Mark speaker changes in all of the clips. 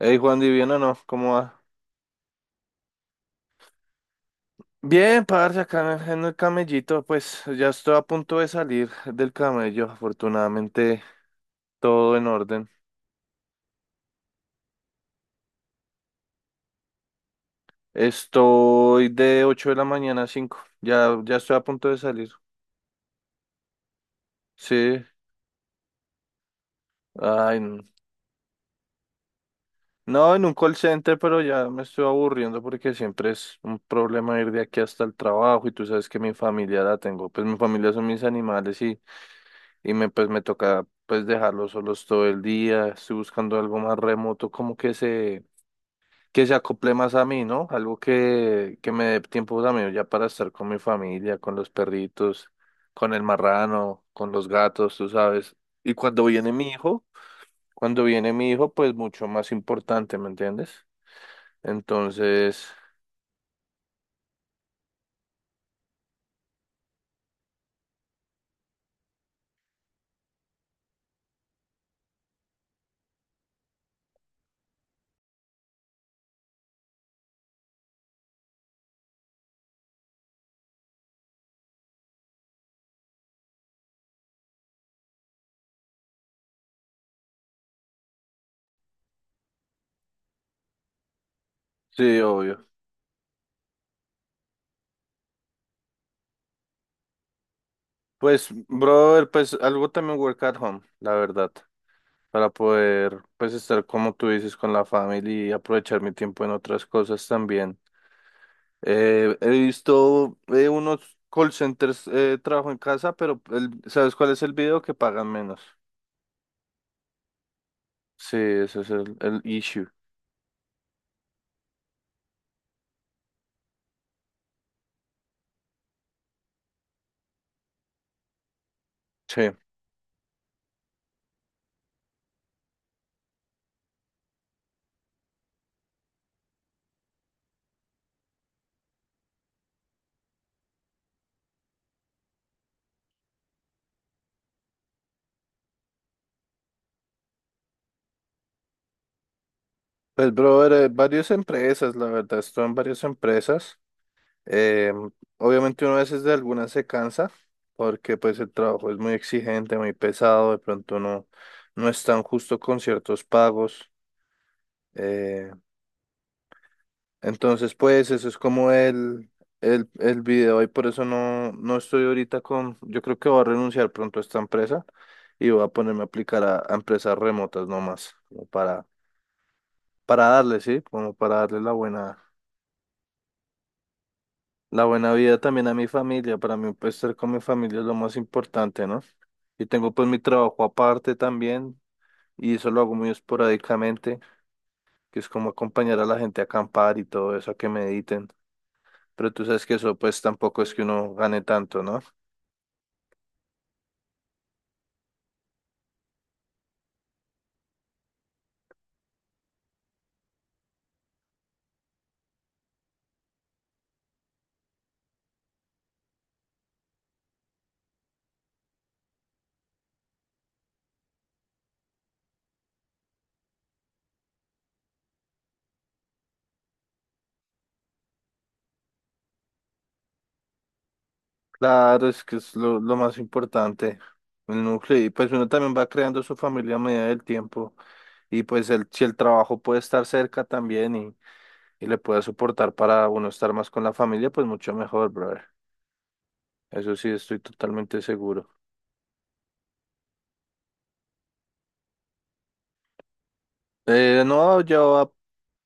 Speaker 1: Hey, Juan, ¿y bien o no? ¿Cómo va? Bien, parce, acá en el camellito, pues ya estoy a punto de salir del camello, afortunadamente todo en orden. Estoy de 8 de la mañana a 5. Ya estoy a punto de salir. Sí, ay, no. No, en un call center, pero ya me estoy aburriendo porque siempre es un problema ir de aquí hasta el trabajo, y tú sabes que mi familia la tengo, pues mi familia son mis animales. Y me pues me toca pues dejarlos solos todo el día. Estoy buscando algo más remoto, como que se acople más a mí, ¿no? Algo que me dé tiempo también ya para estar con mi familia, con los perritos, con el marrano, con los gatos, tú sabes. Y cuando viene mi hijo, pues mucho más importante, ¿me entiendes? Entonces, sí, obvio. Pues, brother, pues algo también work at home, la verdad. Para poder, pues, estar como tú dices con la familia y aprovechar mi tiempo en otras cosas también. He visto, unos call centers, trabajo en casa, pero ¿sabes cuál es el video? Que pagan menos. Sí, ese es el issue. Sí. Pues, brother, varias empresas, la verdad, estoy en varias empresas. Eh, obviamente uno a veces de algunas se cansa porque, pues, el trabajo es muy exigente, muy pesado. De pronto no, no es tan justo con ciertos pagos. Eh, Entonces pues eso es como el video, y por eso no, no estoy ahorita con, yo creo que voy a renunciar pronto a esta empresa y voy a ponerme a aplicar a empresas remotas nomás, como para darle, ¿sí? Como para darle la buena vida también a mi familia. Para mí, pues estar con mi familia es lo más importante, ¿no? Y tengo, pues, mi trabajo aparte también, y eso lo hago muy esporádicamente, que es como acompañar a la gente a acampar y todo eso, a que mediten. Pero tú sabes que eso, pues, tampoco es que uno gane tanto, ¿no? Claro, es que es lo más importante, el núcleo. Y pues uno también va creando su familia a medida del tiempo. Y pues si el trabajo puede estar cerca también, y le puede soportar para uno estar más con la familia, pues mucho mejor, brother. Eso sí, estoy totalmente seguro. No,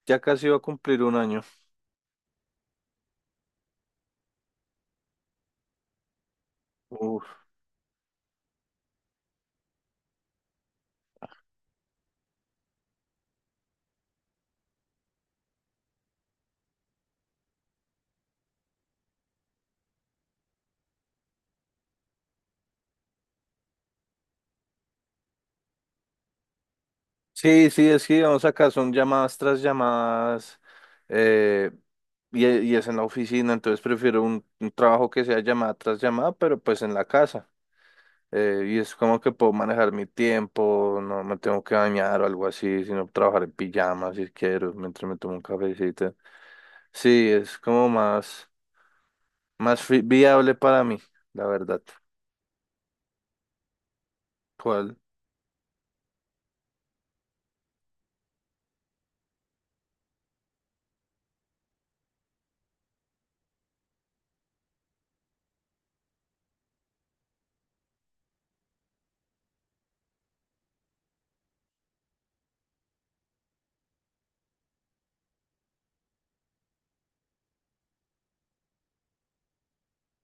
Speaker 1: ya casi va a cumplir un año. Sí, sí, es que digamos acá son llamadas tras llamadas, eh, y es en la oficina, entonces prefiero un trabajo que sea llamada tras llamada, pero, pues, en la casa. Y es como que puedo manejar mi tiempo, no me tengo que bañar o algo así, sino trabajar en pijama si quiero, mientras me tomo un cafecito. Sí, es como más, más viable para mí, la verdad. ¿Cuál?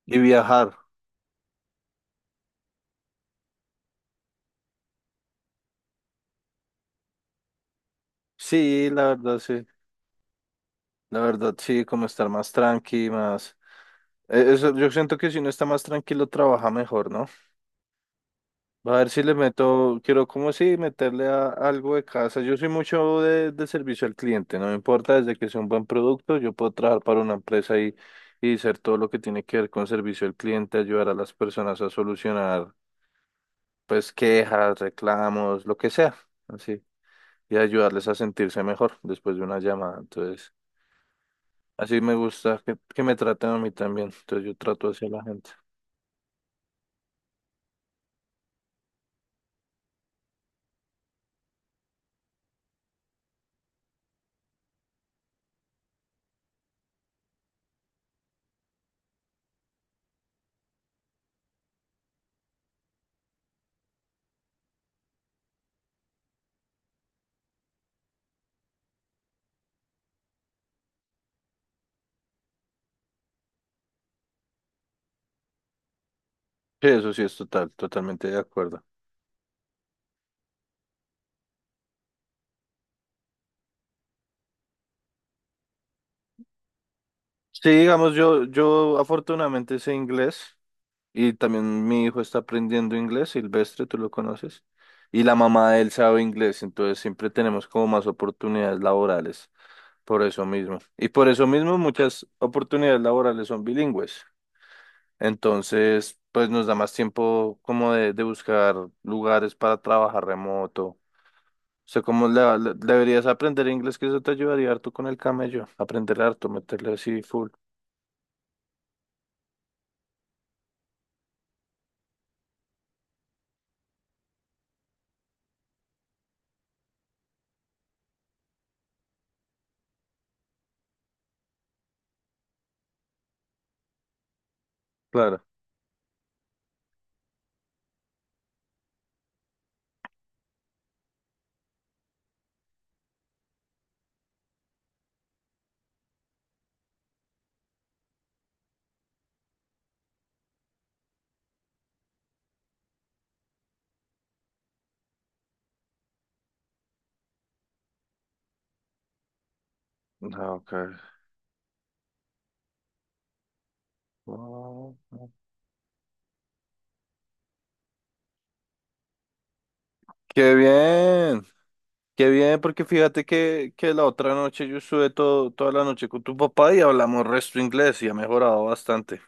Speaker 1: Y viajar. Sí, la verdad, sí. La verdad, sí, como estar más tranqui, más. Eso yo siento que si uno está más tranquilo, trabaja mejor, ¿no? A ver si le meto, quiero como si meterle algo de casa. Yo soy mucho de servicio al cliente, no me importa, desde que sea un buen producto. Yo puedo trabajar para una empresa y hacer todo lo que tiene que ver con servicio al cliente, ayudar a las personas a solucionar, pues, quejas, reclamos, lo que sea, así, y ayudarles a sentirse mejor después de una llamada. Entonces, así me gusta que me traten a mí también, entonces yo trato hacia la gente. Sí, eso sí es totalmente de acuerdo. Sí, digamos, yo afortunadamente sé inglés, y también mi hijo está aprendiendo inglés, Silvestre, tú lo conoces, y la mamá de él sabe inglés, entonces siempre tenemos como más oportunidades laborales por eso mismo. Y por eso mismo, muchas oportunidades laborales son bilingües, entonces pues nos da más tiempo como de buscar lugares para trabajar remoto. O sea, como deberías aprender inglés, que eso te ayudaría harto con el camello, aprender harto, meterle así full. Claro. Ah, ok. Oh, qué bien, qué bien, porque fíjate que la otra noche yo estuve toda la noche con tu papá y hablamos resto inglés, y ha mejorado bastante.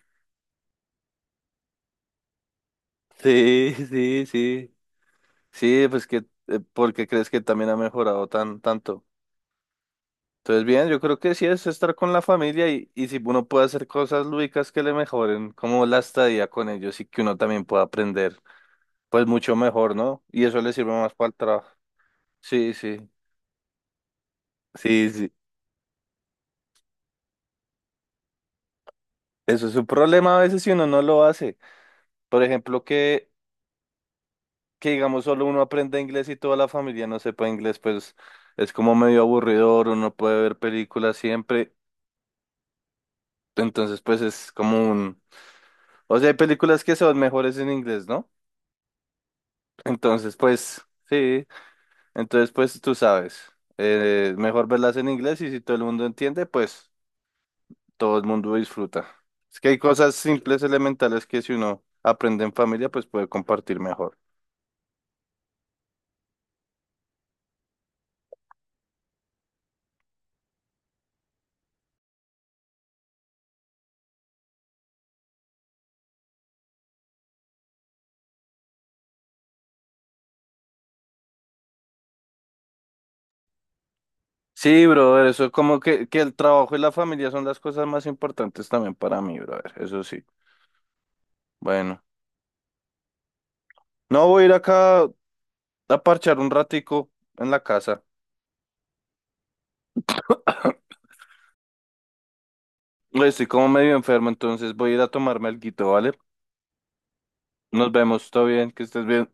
Speaker 1: Sí, sí, sí. Sí, pues que, porque crees que también ha mejorado tanto. Entonces, bien, yo creo que sí es estar con la familia, y si uno puede hacer cosas lúdicas que le mejoren, como la estadía con ellos y que uno también pueda aprender, pues mucho mejor, ¿no? Y eso le sirve más para el trabajo. Sí, sí. Sí, sí. Eso es un problema a veces si uno no lo hace. Por ejemplo, que digamos solo uno aprende inglés y toda la familia no sepa inglés, pues es como medio aburridor, uno puede ver películas siempre. Entonces, pues es como un. O sea, hay películas que son mejores en inglés, ¿no? Entonces, pues sí, entonces pues tú sabes, mejor verlas en inglés y si todo el mundo entiende, pues todo el mundo disfruta. Es que hay cosas simples, elementales que si uno aprende en familia, pues puede compartir mejor. Sí, brother, eso es como que el trabajo y la familia son las cosas más importantes también para mí, brother, eso sí. Bueno, no voy a ir acá a parchar un ratico en la casa. Estoy como medio enfermo, entonces voy a ir a tomarme alguito, ¿vale? Nos vemos, todo bien, que estés bien.